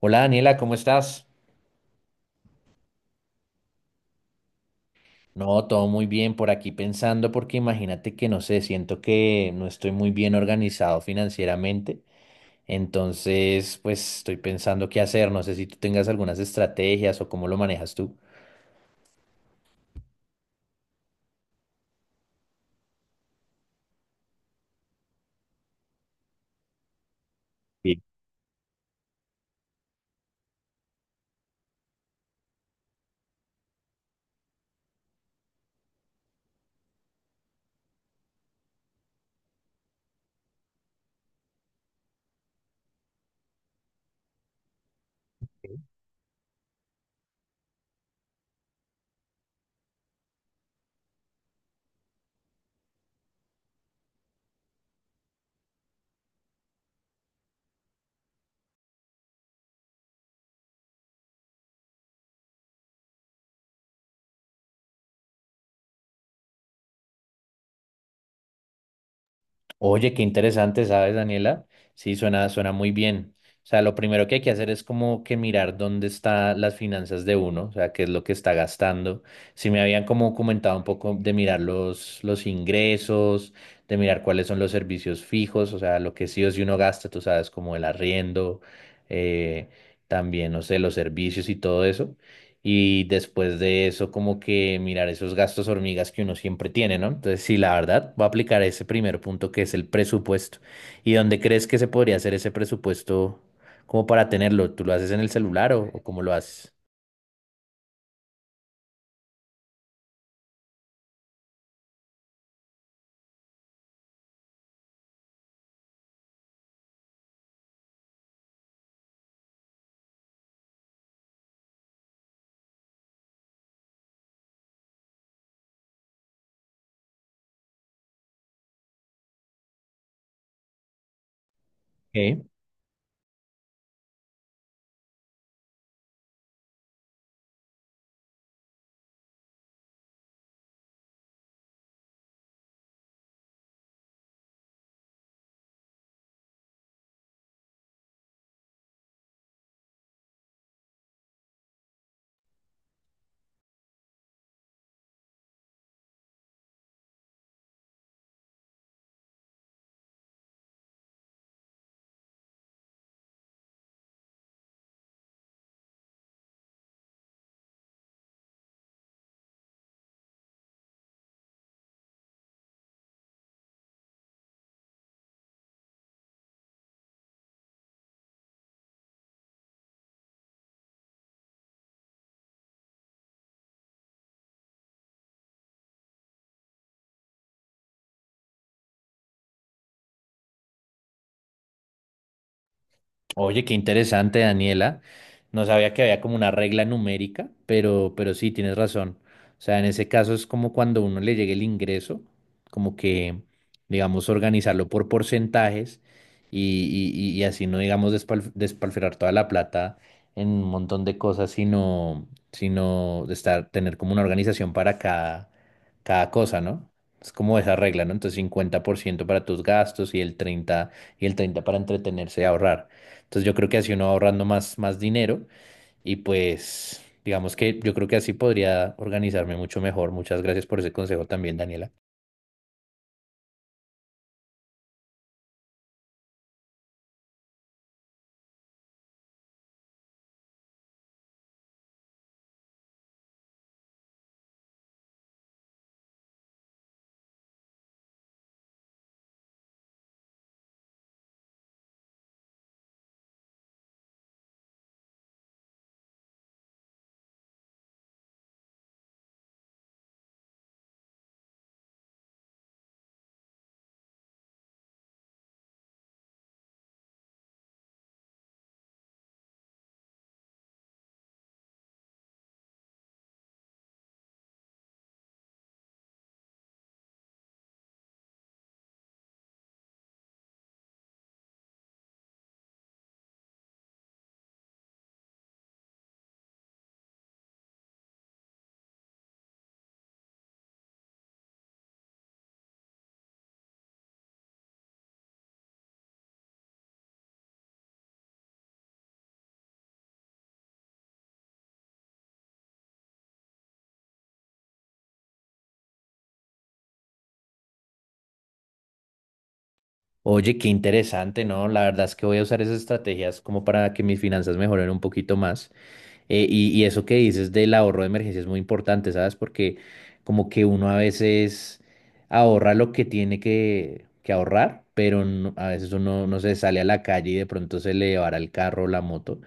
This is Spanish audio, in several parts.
Hola Daniela, ¿cómo estás? No, todo muy bien por aquí pensando porque imagínate que no sé, siento que no estoy muy bien organizado financieramente, entonces pues estoy pensando qué hacer, no sé si tú tengas algunas estrategias o cómo lo manejas tú. Sí. Oye, qué interesante, ¿sabes, Daniela? Sí, suena muy bien. O sea, lo primero que hay que hacer es como que mirar dónde están las finanzas de uno, o sea, qué es lo que está gastando. Si me habían como comentado un poco de mirar los ingresos, de mirar cuáles son los servicios fijos, o sea, lo que sí o sí uno gasta, tú sabes, como el arriendo, eh, también, no sé, los servicios y todo eso. Y después de eso, como que mirar esos gastos hormigas que uno siempre tiene, ¿no? Entonces, sí, la verdad, va a aplicar ese primer punto que es el presupuesto. ¿Y dónde crees que se podría hacer ese presupuesto como para tenerlo? ¿Tú lo haces en el celular o cómo lo haces? Ok. Oye, qué interesante, Daniela. No sabía que había como una regla numérica, pero sí, tienes razón. O sea, en ese caso es como cuando a uno le llegue el ingreso, como que, digamos, organizarlo por porcentajes y así no, digamos, despilfarrar toda la plata en un montón de cosas, sino de estar, tener como una organización para cada cosa, ¿no? Es como esa regla, ¿no? Entonces, 50% para tus gastos y el 30 para entretenerse y ahorrar. Entonces yo creo que así uno va ahorrando más dinero y pues digamos que yo creo que así podría organizarme mucho mejor. Muchas gracias por ese consejo también, Daniela. Oye, qué interesante, ¿no? La verdad es que voy a usar esas estrategias como para que mis finanzas mejoren un poquito más. Y eso que dices del ahorro de emergencia es muy importante, ¿sabes? Porque como que uno a veces ahorra lo que tiene que ahorrar, pero a veces uno no se sale a la calle y de pronto se le va el carro o la moto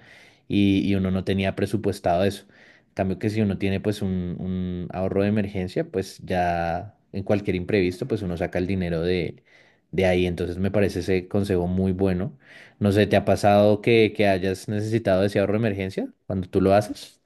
y uno no tenía presupuestado eso. En cambio que si uno tiene pues un ahorro de emergencia, pues ya en cualquier imprevisto, pues uno saca el dinero de ahí. Entonces me parece ese consejo muy bueno. No sé, ¿te ha pasado que hayas necesitado ese ahorro de emergencia cuando tú lo haces?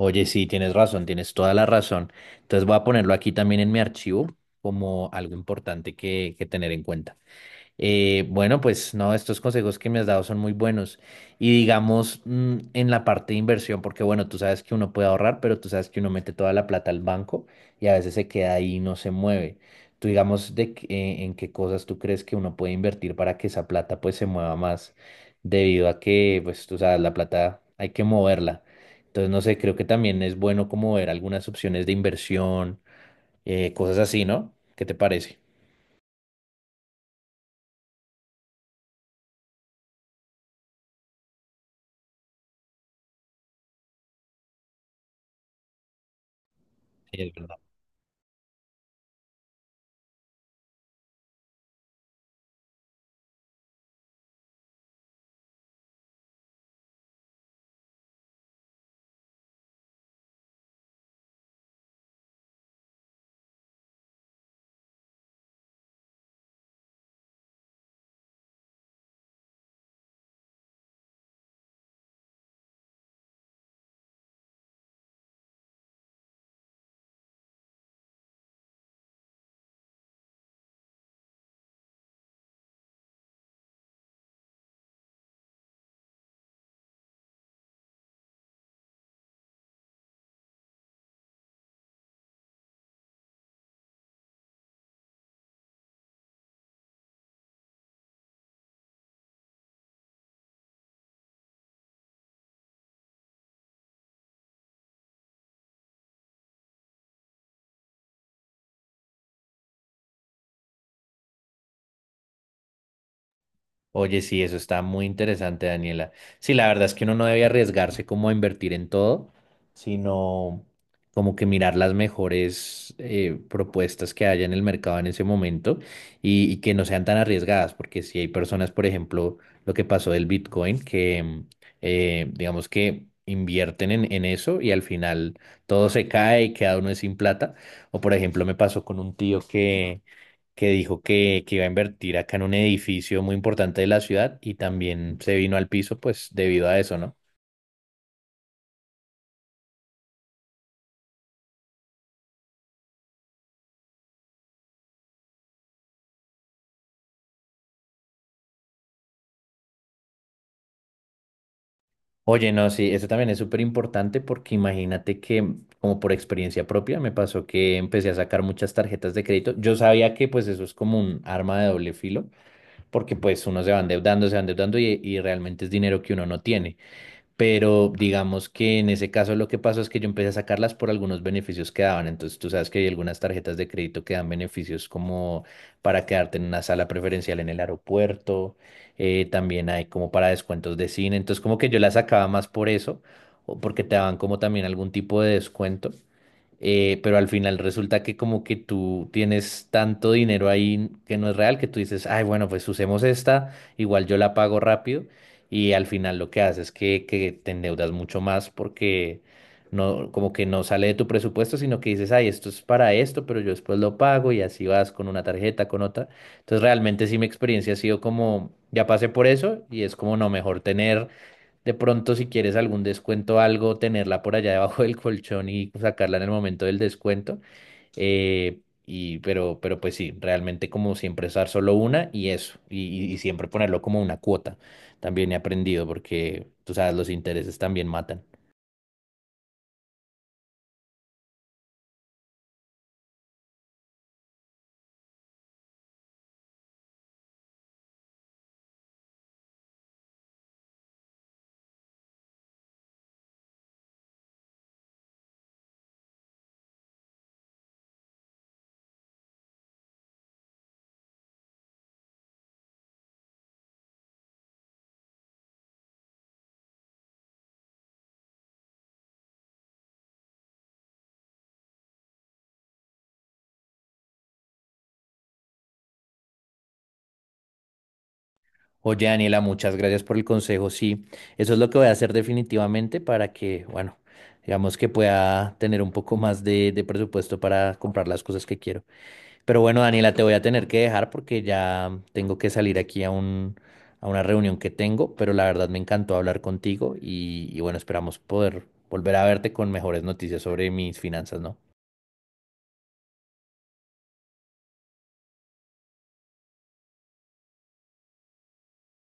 Oye, sí, tienes razón, tienes toda la razón. Entonces voy a ponerlo aquí también en mi archivo como algo importante que tener en cuenta. Bueno, pues no, estos consejos que me has dado son muy buenos. Y digamos, en la parte de inversión, porque bueno, tú sabes que uno puede ahorrar, pero tú sabes que uno mete toda la plata al banco y a veces se queda ahí y no se mueve. Tú digamos, ¿en qué cosas tú crees que uno puede invertir para que esa plata pues se mueva más? Debido a que, pues tú sabes, la plata hay que moverla. Entonces, no sé, creo que también es bueno como ver algunas opciones de inversión, cosas así, ¿no? ¿Qué te parece? Oye, sí, eso está muy interesante, Daniela. Sí, la verdad es que uno no debe arriesgarse como a invertir en todo, sino como que mirar las mejores propuestas que haya en el mercado en ese momento y que no sean tan arriesgadas, porque si hay personas, por ejemplo, lo que pasó del Bitcoin, que digamos que invierten en eso y al final todo se cae y queda uno sin plata. O por ejemplo, me pasó con un tío que dijo que iba a invertir acá en un edificio muy importante de la ciudad y también se vino al piso, pues debido a eso, ¿no? Oye, no, sí, eso también es súper importante porque imagínate que, como por experiencia propia, me pasó que empecé a sacar muchas tarjetas de crédito. Yo sabía que pues eso es como un arma de doble filo, porque pues uno se va endeudando y realmente es dinero que uno no tiene. Pero digamos que en ese caso lo que pasó es que yo empecé a sacarlas por algunos beneficios que daban. Entonces tú sabes que hay algunas tarjetas de crédito que dan beneficios como para quedarte en una sala preferencial en el aeropuerto, también hay como para descuentos de cine. Entonces como que yo las sacaba más por eso, o porque te daban como también algún tipo de descuento pero al final resulta que como que tú tienes tanto dinero ahí que no es real, que tú dices, ay, bueno, pues usemos esta, igual yo la pago rápido, y al final lo que haces es que te endeudas mucho más porque no, como que no sale de tu presupuesto, sino que dices, ay, esto es para esto, pero yo después lo pago y así vas con una tarjeta, con otra. Entonces realmente sí mi experiencia ha sido como, ya pasé por eso y es como, no, mejor tener de pronto, si quieres algún descuento, o algo, tenerla por allá debajo del colchón y sacarla en el momento del descuento. Eh, pero pues sí, realmente como siempre usar solo una y eso. Y siempre ponerlo como una cuota. También he aprendido porque, tú sabes, los intereses también matan. Oye, Daniela, muchas gracias por el consejo. Sí, eso es lo que voy a hacer definitivamente para que, bueno, digamos que pueda tener un poco más de presupuesto para comprar las cosas que quiero. Pero bueno, Daniela, te voy a tener que dejar porque ya tengo que salir aquí a una reunión que tengo, pero la verdad me encantó hablar contigo y bueno, esperamos poder volver a verte con mejores noticias sobre mis finanzas, ¿no?